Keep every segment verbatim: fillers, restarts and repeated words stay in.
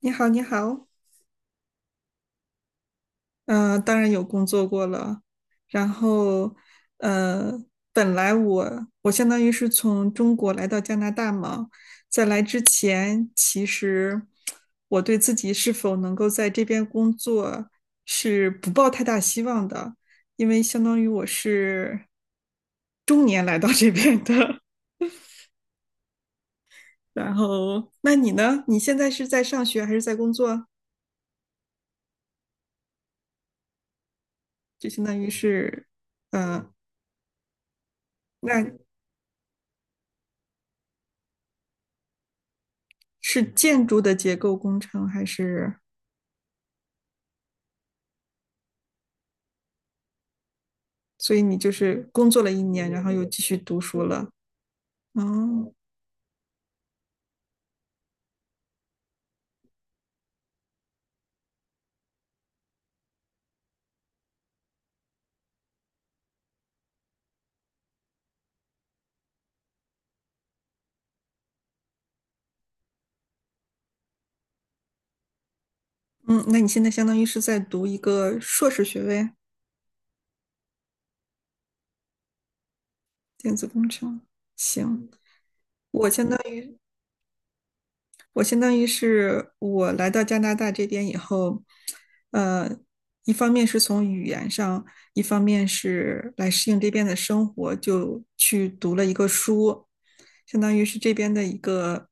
你好，你好。嗯、当然有工作过了。然后，呃，本来我我相当于是从中国来到加拿大嘛。在来之前，其实我对自己是否能够在这边工作是不抱太大希望的，因为相当于我是中年来到这边的。然后，那你呢？你现在是在上学还是在工作？就相当于是，嗯、那是建筑的结构工程还是？所以你就是工作了一年，然后又继续读书了。哦，嗯，那你现在相当于是在读一个硕士学位，电子工程。行，我相当于我相当于是我来到加拿大这边以后，呃，一方面是从语言上，一方面是来适应这边的生活，就去读了一个书。相当于是这边的一个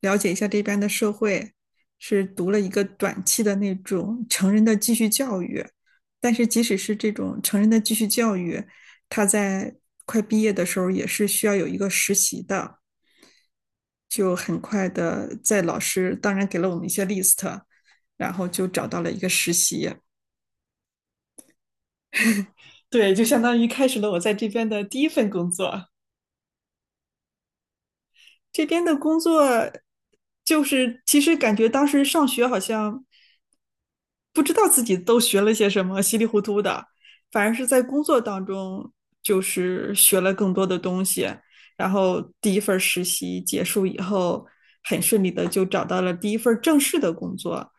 了解一下这边的社会，是读了一个短期的那种成人的继续教育。但是即使是这种成人的继续教育，他在快毕业的时候也是需要有一个实习的，就很快的在老师当然给了我们一些 list,然后就找到了一个实习。对，就相当于开始了我在这边的第一份工作。这边的工作就是其实感觉当时上学好像不知道自己都学了些什么，稀里糊涂的，反而是在工作当中就是学了更多的东西。然后第一份实习结束以后，很顺利的就找到了第一份正式的工作。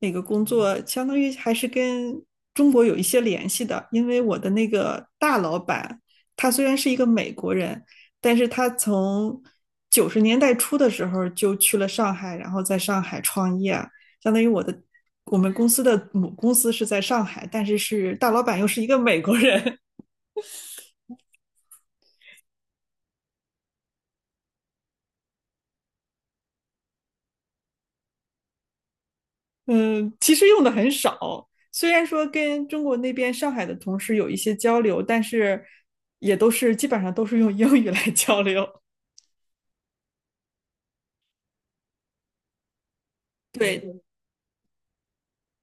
那个工作相当于还是跟中国有一些联系的，因为我的那个大老板，他虽然是一个美国人，但是他从九十年代初的时候就去了上海，然后在上海创业。相当于我的我们公司的母公司是在上海，但是是大老板又是一个美国人。嗯，其实用的很少。虽然说跟中国那边上海的同事有一些交流，但是也都是基本上都是用英语来交流。对，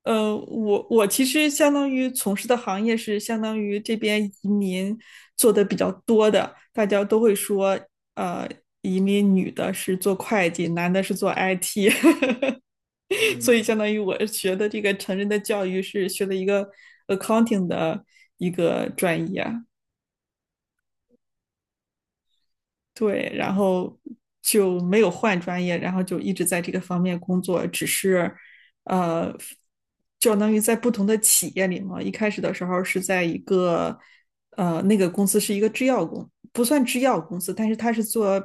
呃，我我其实相当于从事的行业是相当于这边移民做的比较多的，大家都会说，呃，移民女的是做会计，男的是做 I T。所以嗯相当于我学的这个成人的教育是学的一个 accounting 的一个专业。对，然后就没有换专业，然后就一直在这个方面工作，只是呃，相当于在不同的企业里嘛。一开始的时候是在一个呃，那个公司是一个制药公，不算制药公司，但是他是做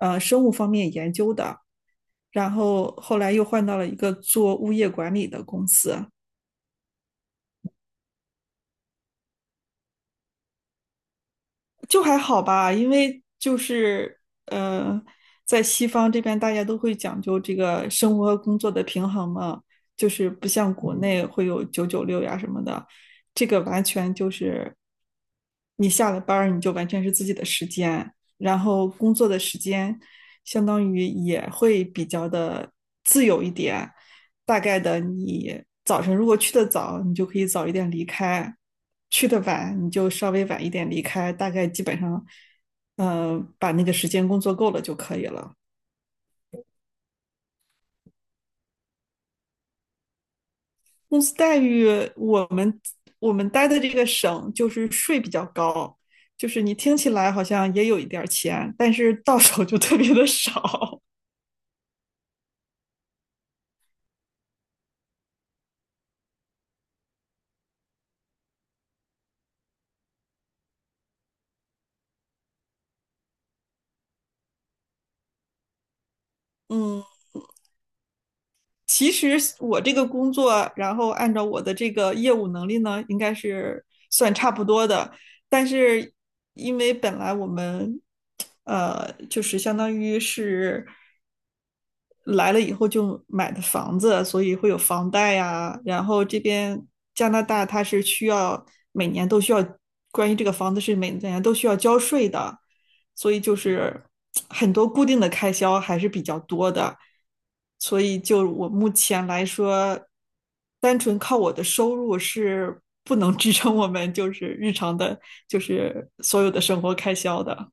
呃生物方面研究的。然后后来又换到了一个做物业管理的公司。就还好吧，因为就是呃，在西方这边大家都会讲究这个生活和工作的平衡嘛，就是不像国内会有九九六呀什么的。这个完全就是你下了班儿你就完全是自己的时间，然后工作的时间相当于也会比较的自由一点，大概的你早晨如果去的早，你就可以早一点离开；去的晚，你就稍微晚一点离开。大概基本上，嗯，把那个时间工作够了就可以了。公司待遇，我们我们待的这个省就是税比较高，就是你听起来好像也有一点钱，但是到手就特别的少。嗯。其实我这个工作，然后按照我的这个业务能力呢，应该是算差不多的。但是因为本来我们，呃，就是相当于是来了以后就买的房子，所以会有房贷呀。然后这边加拿大它是需要每年都需要关于这个房子是每年都需要交税的，所以就是很多固定的开销还是比较多的。所以就我目前来说，单纯靠我的收入是不能支撑我们就是日常的，就是所有的生活开销的。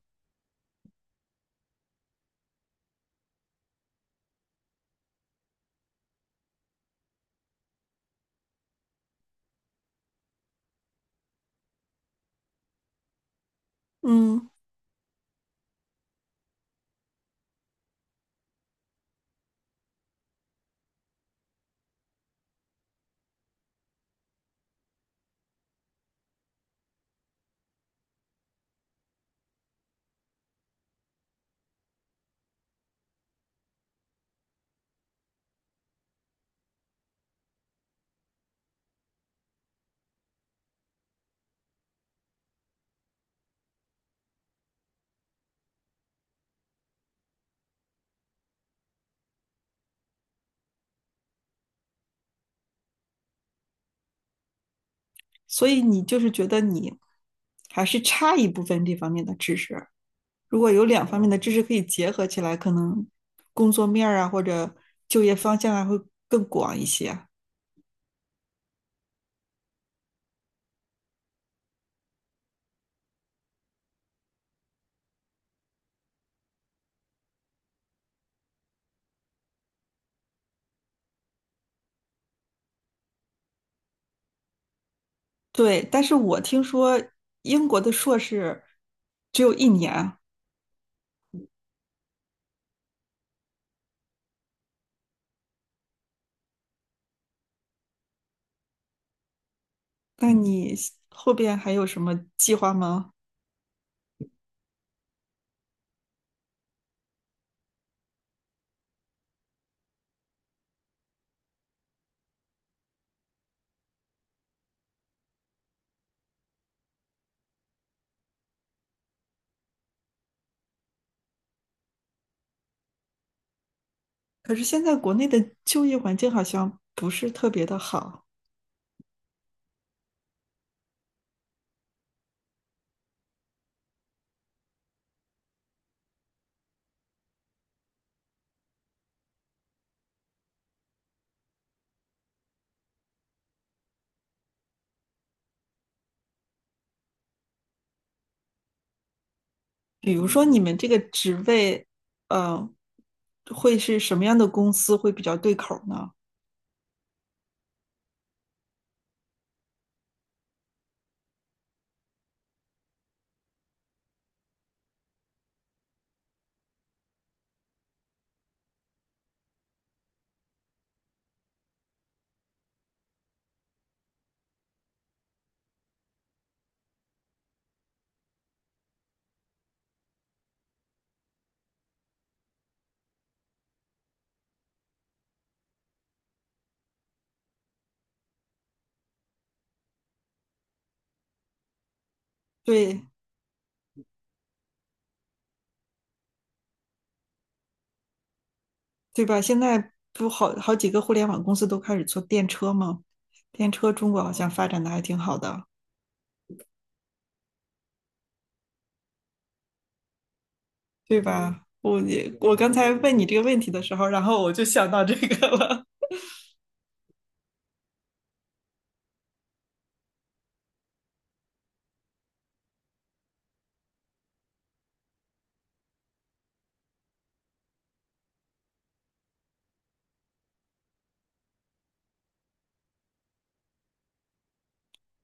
嗯，所以你就是觉得你还是差一部分这方面的知识。如果有两方面的知识可以结合起来，可能工作面啊或者就业方向啊会更广一些。对，但是我听说英国的硕士只有一年，那你后边还有什么计划吗？可是现在国内的就业环境好像不是特别的好。比如说你们这个职位，呃，会是什么样的公司会比较对口呢？对，对吧？现在不好好几个互联网公司都开始做电车吗？电车中国好像发展的还挺好的。对吧？我我刚才问你这个问题的时候，然后我就想到这个了。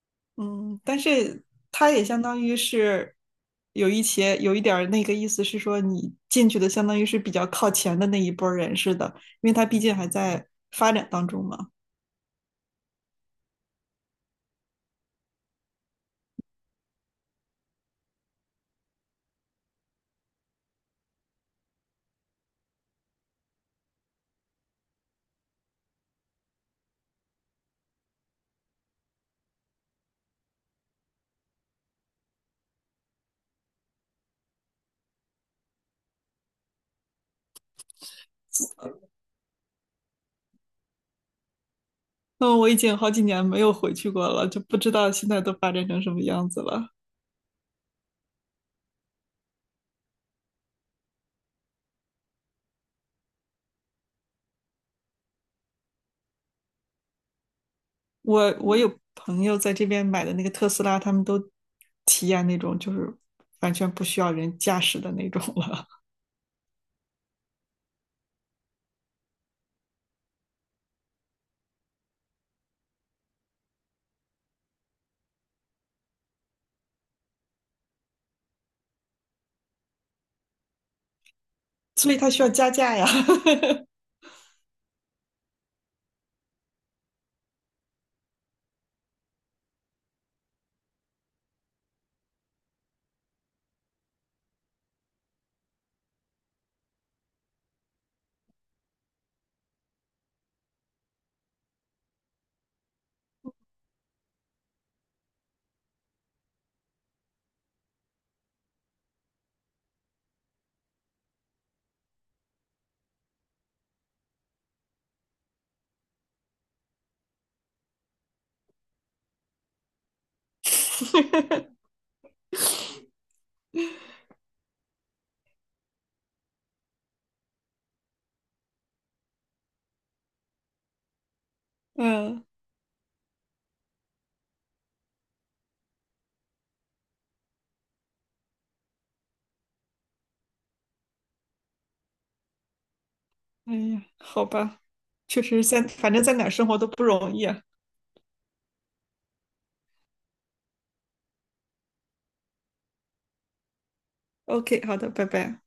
嗯，但是它也相当于是有一些有一点儿那个意思是说，你进去的相当于是比较靠前的那一波人似的，因为它毕竟还在发展当中嘛。嗯，我已经好几年没有回去过了，就不知道现在都发展成什么样子了。我我有朋友在这边买的那个特斯拉，他们都体验那种就是完全不需要人驾驶的那种了。所以他需要加价呀。嗯，哎呀，好吧，确实在反正在哪儿生活都不容易啊。OK,好的，拜拜。